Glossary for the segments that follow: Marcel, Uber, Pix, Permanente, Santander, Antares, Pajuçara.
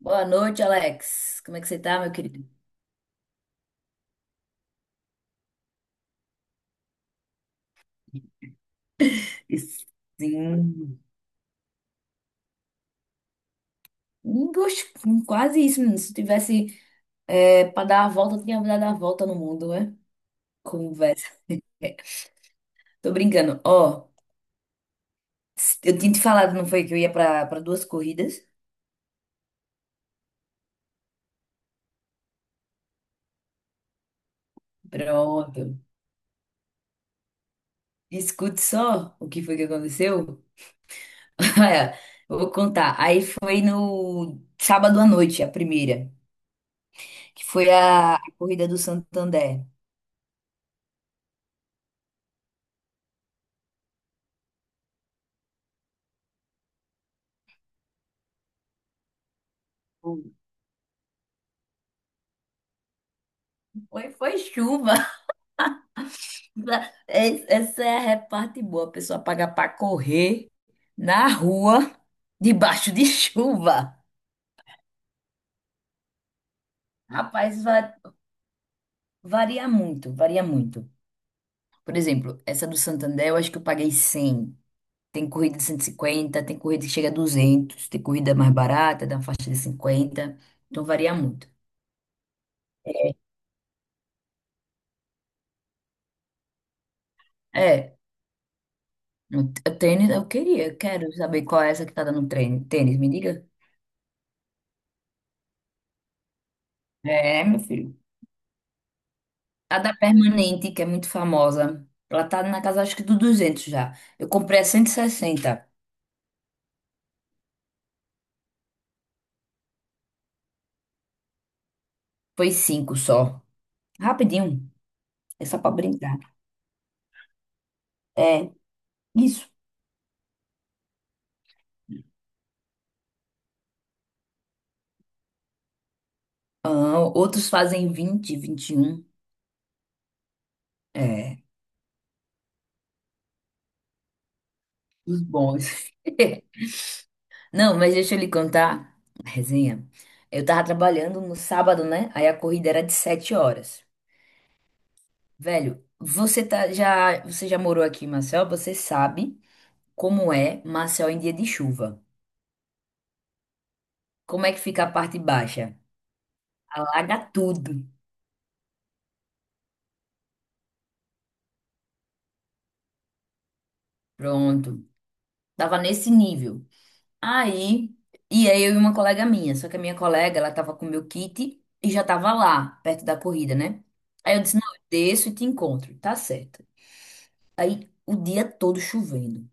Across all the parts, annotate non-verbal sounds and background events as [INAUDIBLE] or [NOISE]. Boa noite, Alex. Como é que você tá, meu querido? Isso. Sim. Quase isso, menino. Se eu tivesse pra dar a volta, eu tinha dado a volta no mundo, né? Conversa. Tô brincando. Ó, eu tinha te falado, não foi, que eu ia pra duas corridas? Pronto. Escute só o que foi que aconteceu. [LAUGHS] Olha, eu vou contar. Aí foi no sábado à noite, a primeira, que foi a corrida do Santander. Foi, foi chuva. Essa é a parte boa, a pessoa paga para correr na rua, debaixo de [LAUGHS] chuva. Rapaz, varia muito, varia muito. Por exemplo, essa do Santander, eu acho que eu paguei 100. Tem corrida de 150, tem corrida que chega a 200, tem corrida mais barata, da faixa de 50. Então varia muito. É, o tênis eu queria, eu quero saber qual é essa que tá dando treino. Tênis, me diga. É, meu filho. A da Permanente, que é muito famosa. Ela tá na casa, acho que do 200 já. Eu comprei a 160. Foi cinco só. Rapidinho. É só pra brincar. É, isso. Ah, outros fazem 20, 21. É, os bons. [LAUGHS] Não, mas deixa eu lhe contar a resenha. Eu tava trabalhando no sábado, né? Aí a corrida era de 7 horas. Velho, você já morou aqui, Marcel? Você sabe como é Marcel em dia de chuva. Como é que fica a parte baixa? Alaga tudo. Pronto. Tava nesse nível. Aí, e aí eu e uma colega minha. Só que a minha colega, ela tava com o meu kit e já tava lá, perto da corrida, né? Aí eu disse, não, eu desço e te encontro. Tá certo. Aí, o dia todo chovendo.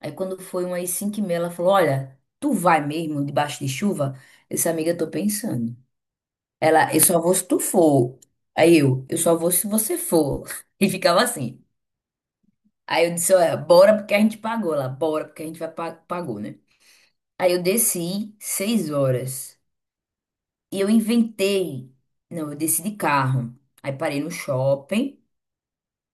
Aí quando foi umas 5 e meia, ela falou, olha, tu vai mesmo debaixo de chuva? Essa amiga, eu tô pensando. Ela, eu só vou se tu for. Aí eu só vou se você for. [LAUGHS] E ficava assim. Aí eu disse, olha, bora porque a gente pagou lá, bora porque a gente vai pagou, né? Aí eu desci seis horas e eu inventei, não, eu desci de carro. Aí parei no shopping.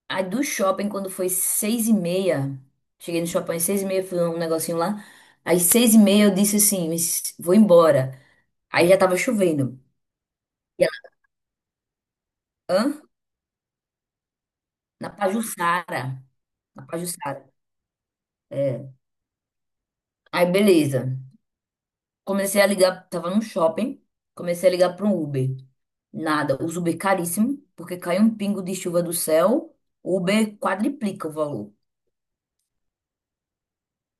Aí do shopping, quando foi seis e meia, cheguei no shopping às seis e meia, fui um negocinho lá. Às seis e meia eu disse assim, "Mas vou embora." Aí já tava chovendo. E ela, hã? Na Pajuçara. Na Pajuçara. É. Aí beleza. Comecei a ligar, tava num shopping, comecei a ligar para um Uber. Nada, os Uber caríssimo, porque cai um pingo de chuva do céu, o Uber quadriplica o valor.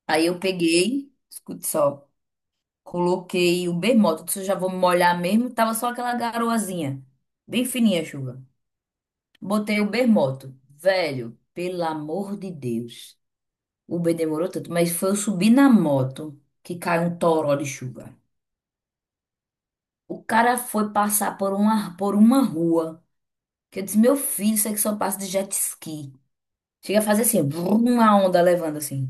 Aí eu peguei, escute só, coloquei o Uber Moto, disse, eu já vou me molhar mesmo, tava só aquela garoazinha, bem fininha a chuva. Botei o Uber Moto, velho, pelo amor de Deus. O Uber demorou tanto, mas foi eu subir na moto que caiu um toró de chuva. O cara foi passar por uma rua. Que eu disse, meu filho, isso aqui só passa de jet ski. Chega a fazer assim, brum, uma onda levando assim.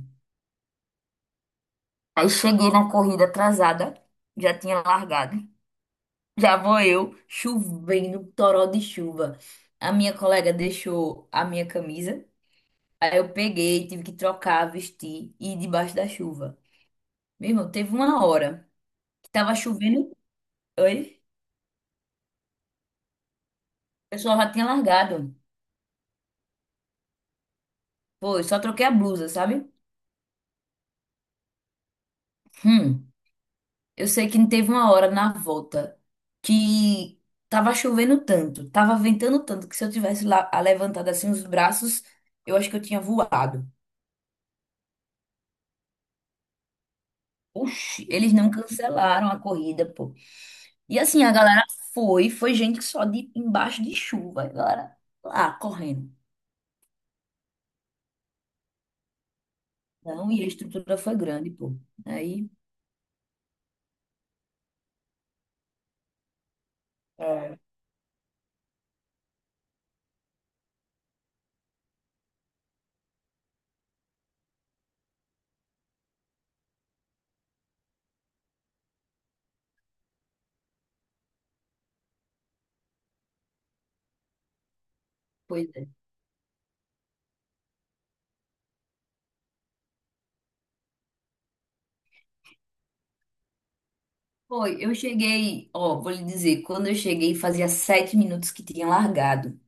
Aí cheguei na corrida atrasada, já tinha largado. Já vou eu, chovendo, toró de chuva. A minha colega deixou a minha camisa. Aí eu peguei, tive que trocar, vestir e ir debaixo da chuva. Meu irmão, teve uma hora que tava chovendo. Oi? O pessoal já tinha largado. Pô, eu só troquei a blusa, sabe? Hum. Eu sei que teve uma hora na volta que tava chovendo tanto, tava ventando tanto, que se eu tivesse lá levantado assim os braços, eu acho que eu tinha voado. Oxi, eles não cancelaram a corrida, pô. E assim, a galera foi, foi gente só de embaixo de chuva, a galera lá correndo. Não, e a estrutura foi grande, pô. Aí, é. Pois é. Foi, eu cheguei, ó, vou lhe dizer, quando eu cheguei fazia 7 minutos que tinha largado.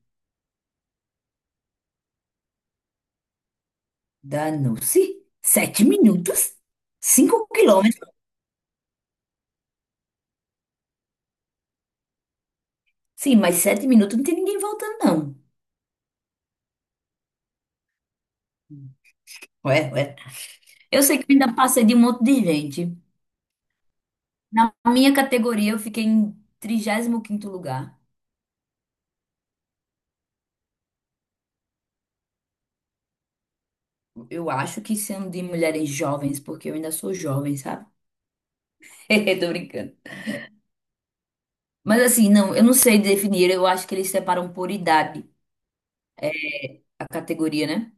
Danou-se. 7 minutos? 5 quilômetros? Sim, mas 7 minutos não tem ninguém voltando, não. Ué, ué. Eu sei que eu ainda passei de um monte de gente. Na minha categoria, eu fiquei em 35º lugar. Eu acho que sendo de mulheres jovens, porque eu ainda sou jovem, sabe? [LAUGHS] Tô brincando. Mas assim, não, eu não sei definir. Eu acho que eles separam por idade a categoria, né?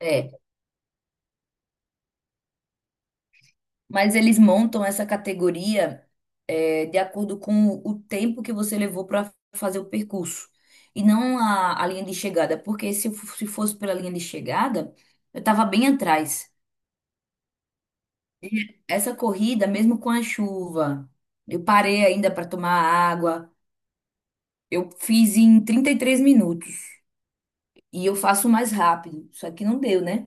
É. Mas eles montam essa categoria de acordo com o tempo que você levou para fazer o percurso e não a linha de chegada, porque se fosse pela linha de chegada, eu estava bem atrás. E essa corrida, mesmo com a chuva, eu parei ainda para tomar água. Eu fiz em 33 minutos e eu faço mais rápido, só que não deu, né?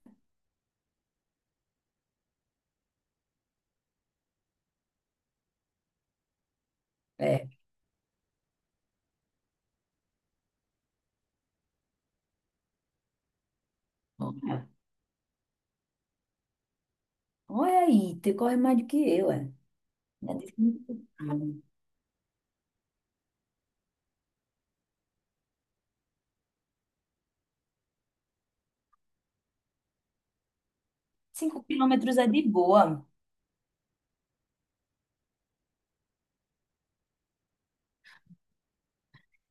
É. Olha, olha aí, tu corre mais do que eu, é. 5 quilômetros é de boa.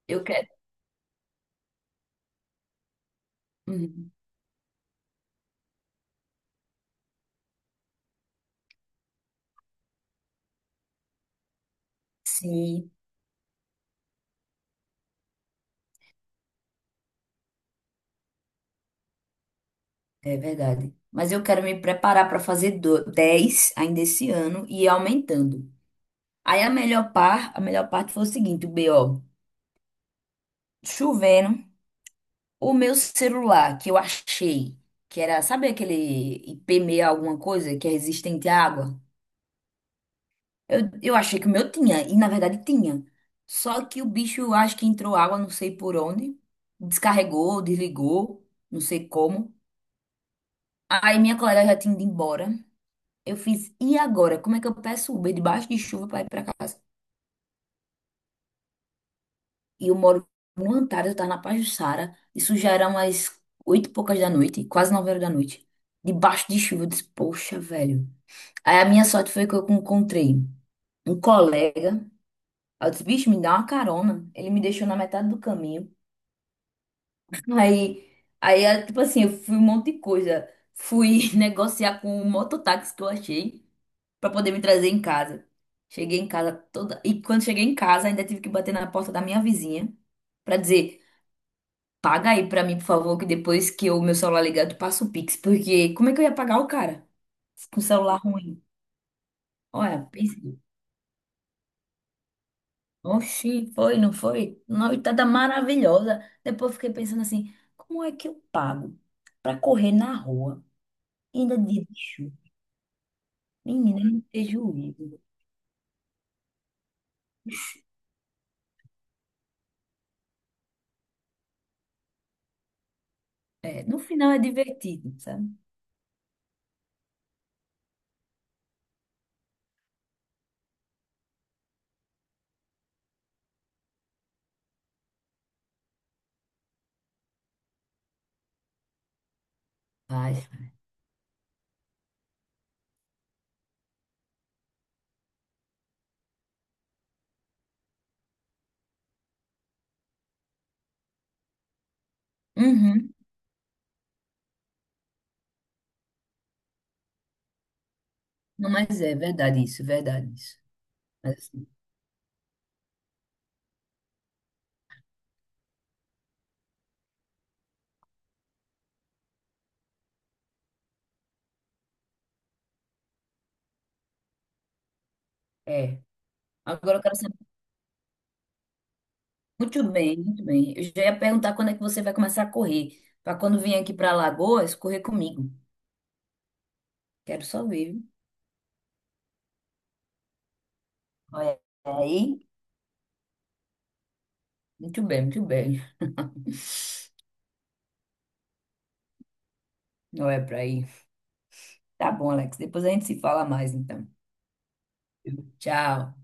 Eu quero. Uhum. Sim, é verdade. Mas eu quero me preparar para fazer 10 ainda esse ano e ir aumentando. Aí a a melhor parte foi o seguinte, o chovendo, o meu celular que eu achei, que era, sabe aquele IP6 alguma coisa que é resistente à água? Eu achei que o meu tinha, e na verdade tinha. Só que o bicho, acho que entrou água, não sei por onde, descarregou, desligou, não sei como. Aí minha colega já tinha ido embora. Eu fiz, e agora? Como é que eu peço Uber debaixo de chuva para ir para casa? E eu moro no Antares, eu tava na Pajuçara. Isso já era umas oito e poucas da noite, quase nove horas da noite. Debaixo de chuva, eu disse, poxa, velho. Aí a minha sorte foi que eu encontrei um colega. Aí eu disse, bicho, me dá uma carona. Ele me deixou na metade do caminho. [LAUGHS] Aí, aí, tipo assim, eu fui um monte de coisa. Fui [LAUGHS] negociar com o mototáxi que eu achei pra poder me trazer em casa. Cheguei em casa toda. E quando cheguei em casa, ainda tive que bater na porta da minha vizinha pra dizer: paga aí pra mim, por favor, que depois que o meu celular ligar, eu te passo o Pix. Porque como é que eu ia pagar o cara com o celular ruim? Olha, pensei. Oxi, foi, não foi? Noitada maravilhosa. Depois fiquei pensando assim: como é que eu pago pra correr na rua? E ainda dia de chuva? Menina, é muito prejuízo. É, no final é divertido, sabe? Paz. Não, mas é verdade isso, é verdade isso. Mas, assim, é. Agora eu quero saber muito bem, muito bem. Eu já ia perguntar quando é que você vai começar a correr, para quando vir aqui para Alagoas, correr comigo. Quero só ver, viu? Olha aí, muito bem, muito bem. [LAUGHS] Não é para ir. Tá bom, Alex. Depois a gente se fala mais, então. Tchau.